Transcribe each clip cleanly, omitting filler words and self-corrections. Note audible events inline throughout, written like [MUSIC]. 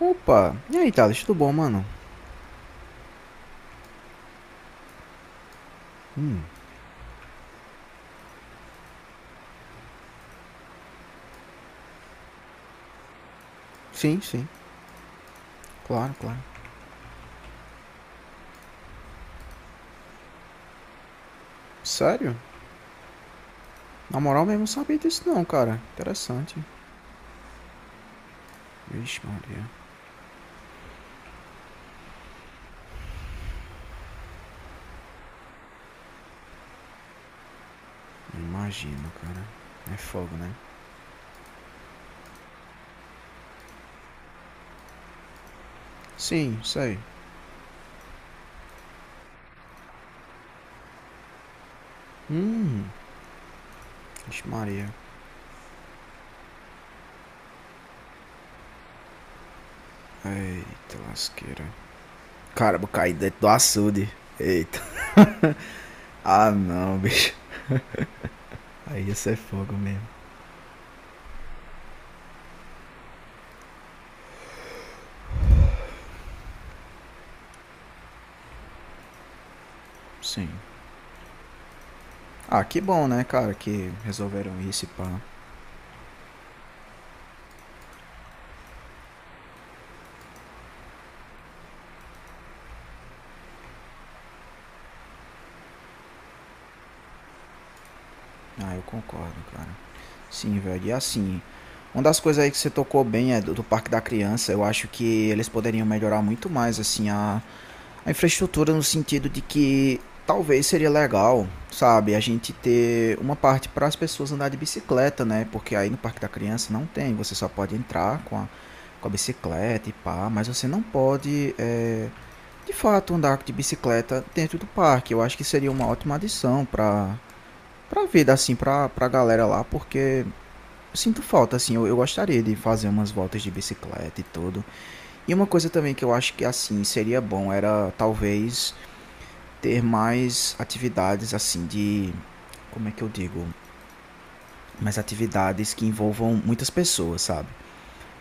Opa, e aí, Thales, tudo bom, mano? Hum, sim, sim, claro, claro. Sério? Na moral mesmo, não sabia disso não, cara. Interessante. Vixe, Maria, não imagino, cara. É fogo, né? Sim, sei. Hum, vixe, Maria. Eita, lasqueira. Caramba, caí dentro do açude. Eita. Ah, não, bicho. Aí ia ser fogo mesmo. Sim. Ah, que bom, né, cara, que resolveram isso e pá. Ah, eu concordo, cara. Sim, velho. E assim, uma das coisas aí que você tocou bem é do Parque da Criança. Eu acho que eles poderiam melhorar muito mais, assim, a infraestrutura no sentido de que talvez seria legal, sabe, a gente ter uma parte para as pessoas andar de bicicleta, né? Porque aí no Parque da Criança não tem, você só pode entrar com a, bicicleta e pá, mas você não pode, de fato, andar de bicicleta dentro do parque. Eu acho que seria uma ótima adição para para vida, assim, para a galera lá, porque eu sinto falta, assim, eu gostaria de fazer umas voltas de bicicleta e tudo. E uma coisa também que eu acho que, assim, seria bom era talvez ter mais atividades, assim, de. Como é que eu digo? Mais atividades que envolvam muitas pessoas, sabe?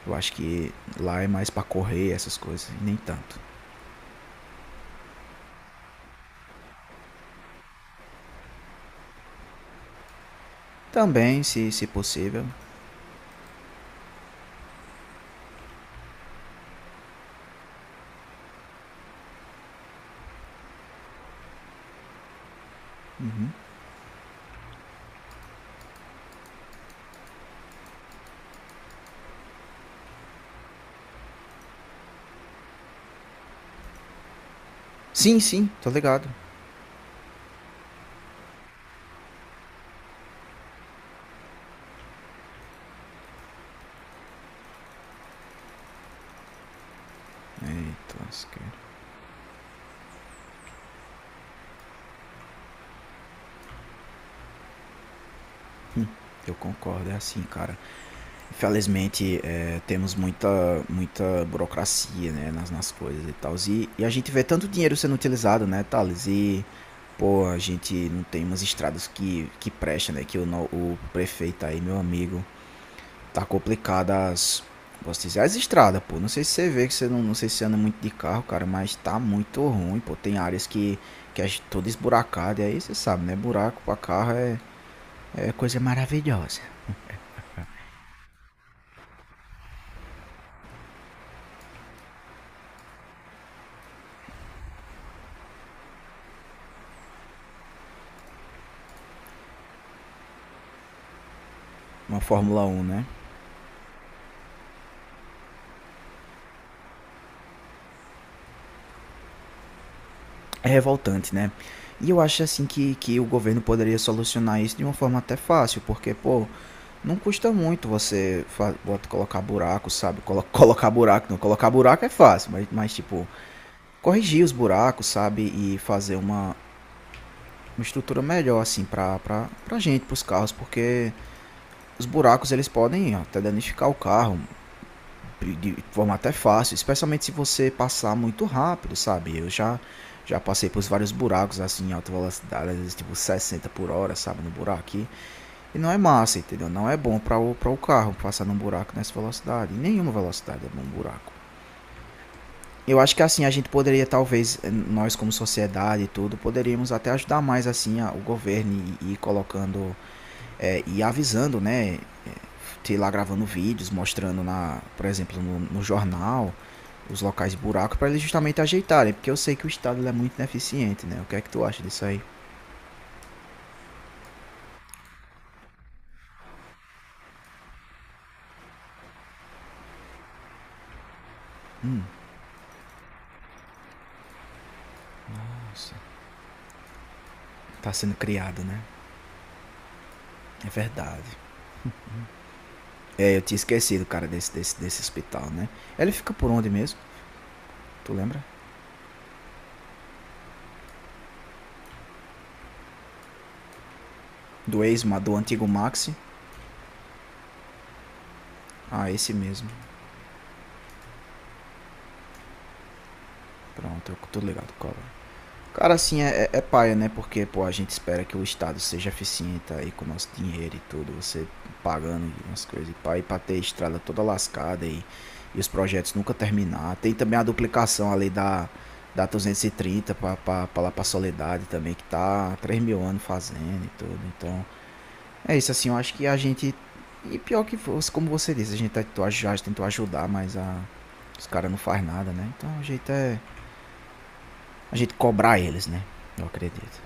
Eu acho que lá é mais pra correr, essas coisas, e nem tanto. Também, se possível. Sim, sim, tô ligado. Eita, eu concordo, é assim, cara. Infelizmente, temos muita, muita burocracia, né, nas coisas e tal. E a gente vê tanto dinheiro sendo utilizado, né, Thales? E, pô, a gente não tem umas estradas que prestam, né? Que o, no- o prefeito aí, meu amigo, tá complicado as, posso dizer, as estradas, pô. Não sei se você vê, que você não, não sei se você anda muito de carro, cara, mas tá muito ruim, pô. Tem áreas que é toda esburacada, e aí você sabe, né? Buraco pra carro é coisa maravilhosa. Uma Fórmula um, né? É revoltante, né? E eu acho assim que o governo poderia solucionar isso de uma forma até fácil, porque, pô, não custa muito você colocar buraco, sabe? [LAUGHS] Colocar buraco, não, colocar buraco é fácil, mas tipo, corrigir os buracos, sabe? E fazer uma estrutura melhor, assim, pra gente, pros carros, porque os buracos eles podem até danificar o carro, de forma até fácil, especialmente se você passar muito rápido, sabe? Eu já passei por vários buracos assim em alta velocidade, às vezes tipo 60 por hora, sabe, no buraco aqui. E não é massa, entendeu? Não é bom para o carro passar num buraco nessa velocidade. Nenhuma velocidade é bom um buraco. Eu acho que assim a gente poderia talvez nós como sociedade e tudo poderíamos até ajudar mais assim a, o governo e ir colocando e avisando, né, sei lá, gravando vídeos, mostrando, na, por exemplo, no jornal, os locais de buraco, para eles justamente ajeitarem, porque eu sei que o Estado é muito ineficiente, né? O que é que tu acha disso aí? Nossa. Tá sendo criado, né? É verdade. É, eu tinha esquecido, cara, desse hospital, né? Ele fica por onde mesmo? Tu lembra? Do antigo Maxi? Ah, esse mesmo. Pronto, eu tô ligado, cola. Cara, assim, é, é paia, né? Porque, pô, a gente espera que o Estado seja eficiente aí com o nosso dinheiro e tudo, você pagando e umas coisas e pá, e pra ter estrada toda lascada e os projetos nunca terminar. Tem também a duplicação ali da 230 pra lá pra Soledade também, que tá há 3 mil anos fazendo e tudo. Então, é isso, assim, eu acho que a gente. E pior que, fosse, como você disse, a gente tentou, tentou ajudar, mas a, os caras não faz nada, né? Então, o jeito é a gente cobrar eles, né? Eu acredito.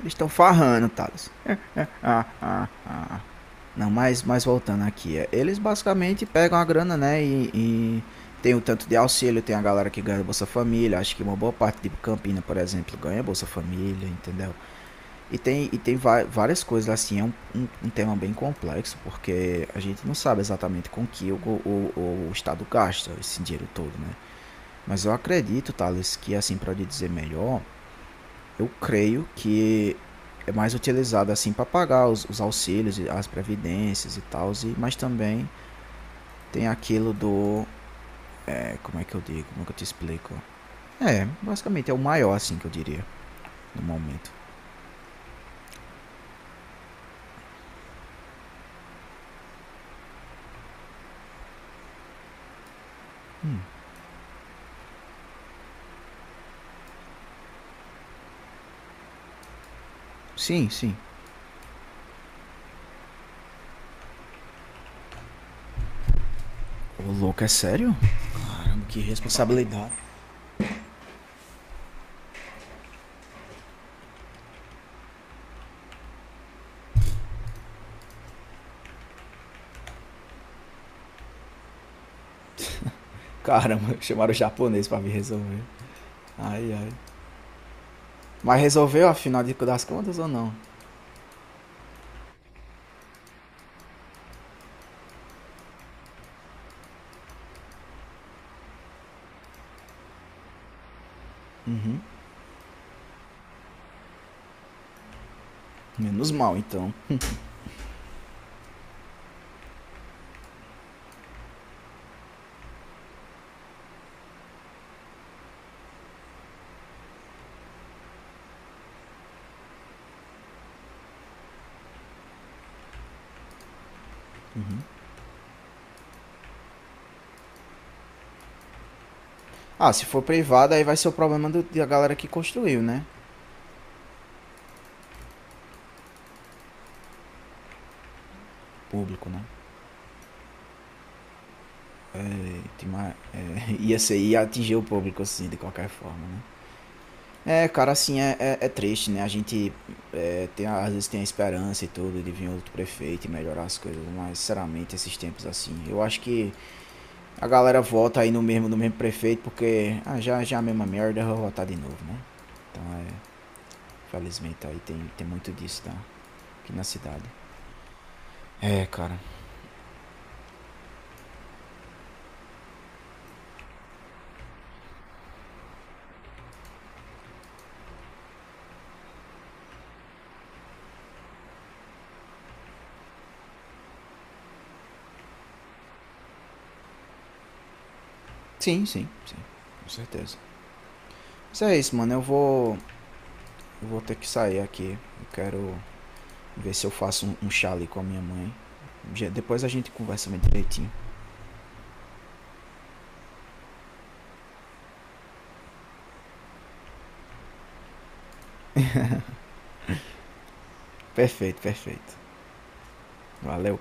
Eles estão farrando, Thales. Ah, ah. Não, mas voltando aqui. Eles basicamente pegam a grana, né? E tem o tanto de auxílio, tem a galera que ganha Bolsa Família. Acho que uma boa parte de Campina, por exemplo, ganha Bolsa Família, entendeu? E tem várias coisas assim. É um tema bem complexo, porque a gente não sabe exatamente com que o Estado gasta esse dinheiro todo, né? Mas eu acredito, Thales, que assim, para dizer melhor, eu creio que é mais utilizado assim para pagar os auxílios, as previdências e tal, mas também tem aquilo do. Como é que eu digo? Como é que eu te explico? É, basicamente é o maior assim que eu diria no momento. Hum, sim, sim. Ô louco, é sério? Caramba, que responsabilidade. Caramba, [LAUGHS] chamaram o japonês pra me resolver. Ai, ai. Mas resolveu afinal das contas ou não? Menos mal então. Uhum. Ah, se for privado, aí vai ser o problema da galera que construiu, né? Público, né? [LAUGHS] Ia ser, ia atingir o público assim, de qualquer forma, né? É, cara, assim, é triste, né? A gente tem, às vezes tem a esperança e tudo de vir outro prefeito e melhorar as coisas, mas sinceramente, esses tempos assim, eu acho que a galera vota aí no mesmo prefeito porque ah, já, já é a mesma merda, eu vou votar de novo, né? Então felizmente aí tem muito disso, tá? Aqui na cidade. É, cara. Sim, sim, sim, com certeza. Mas é isso, mano, eu vou ter que sair aqui, eu quero ver se eu faço um chá ali com a minha mãe. Depois a gente conversa mais direitinho. Perfeito, perfeito. Valeu.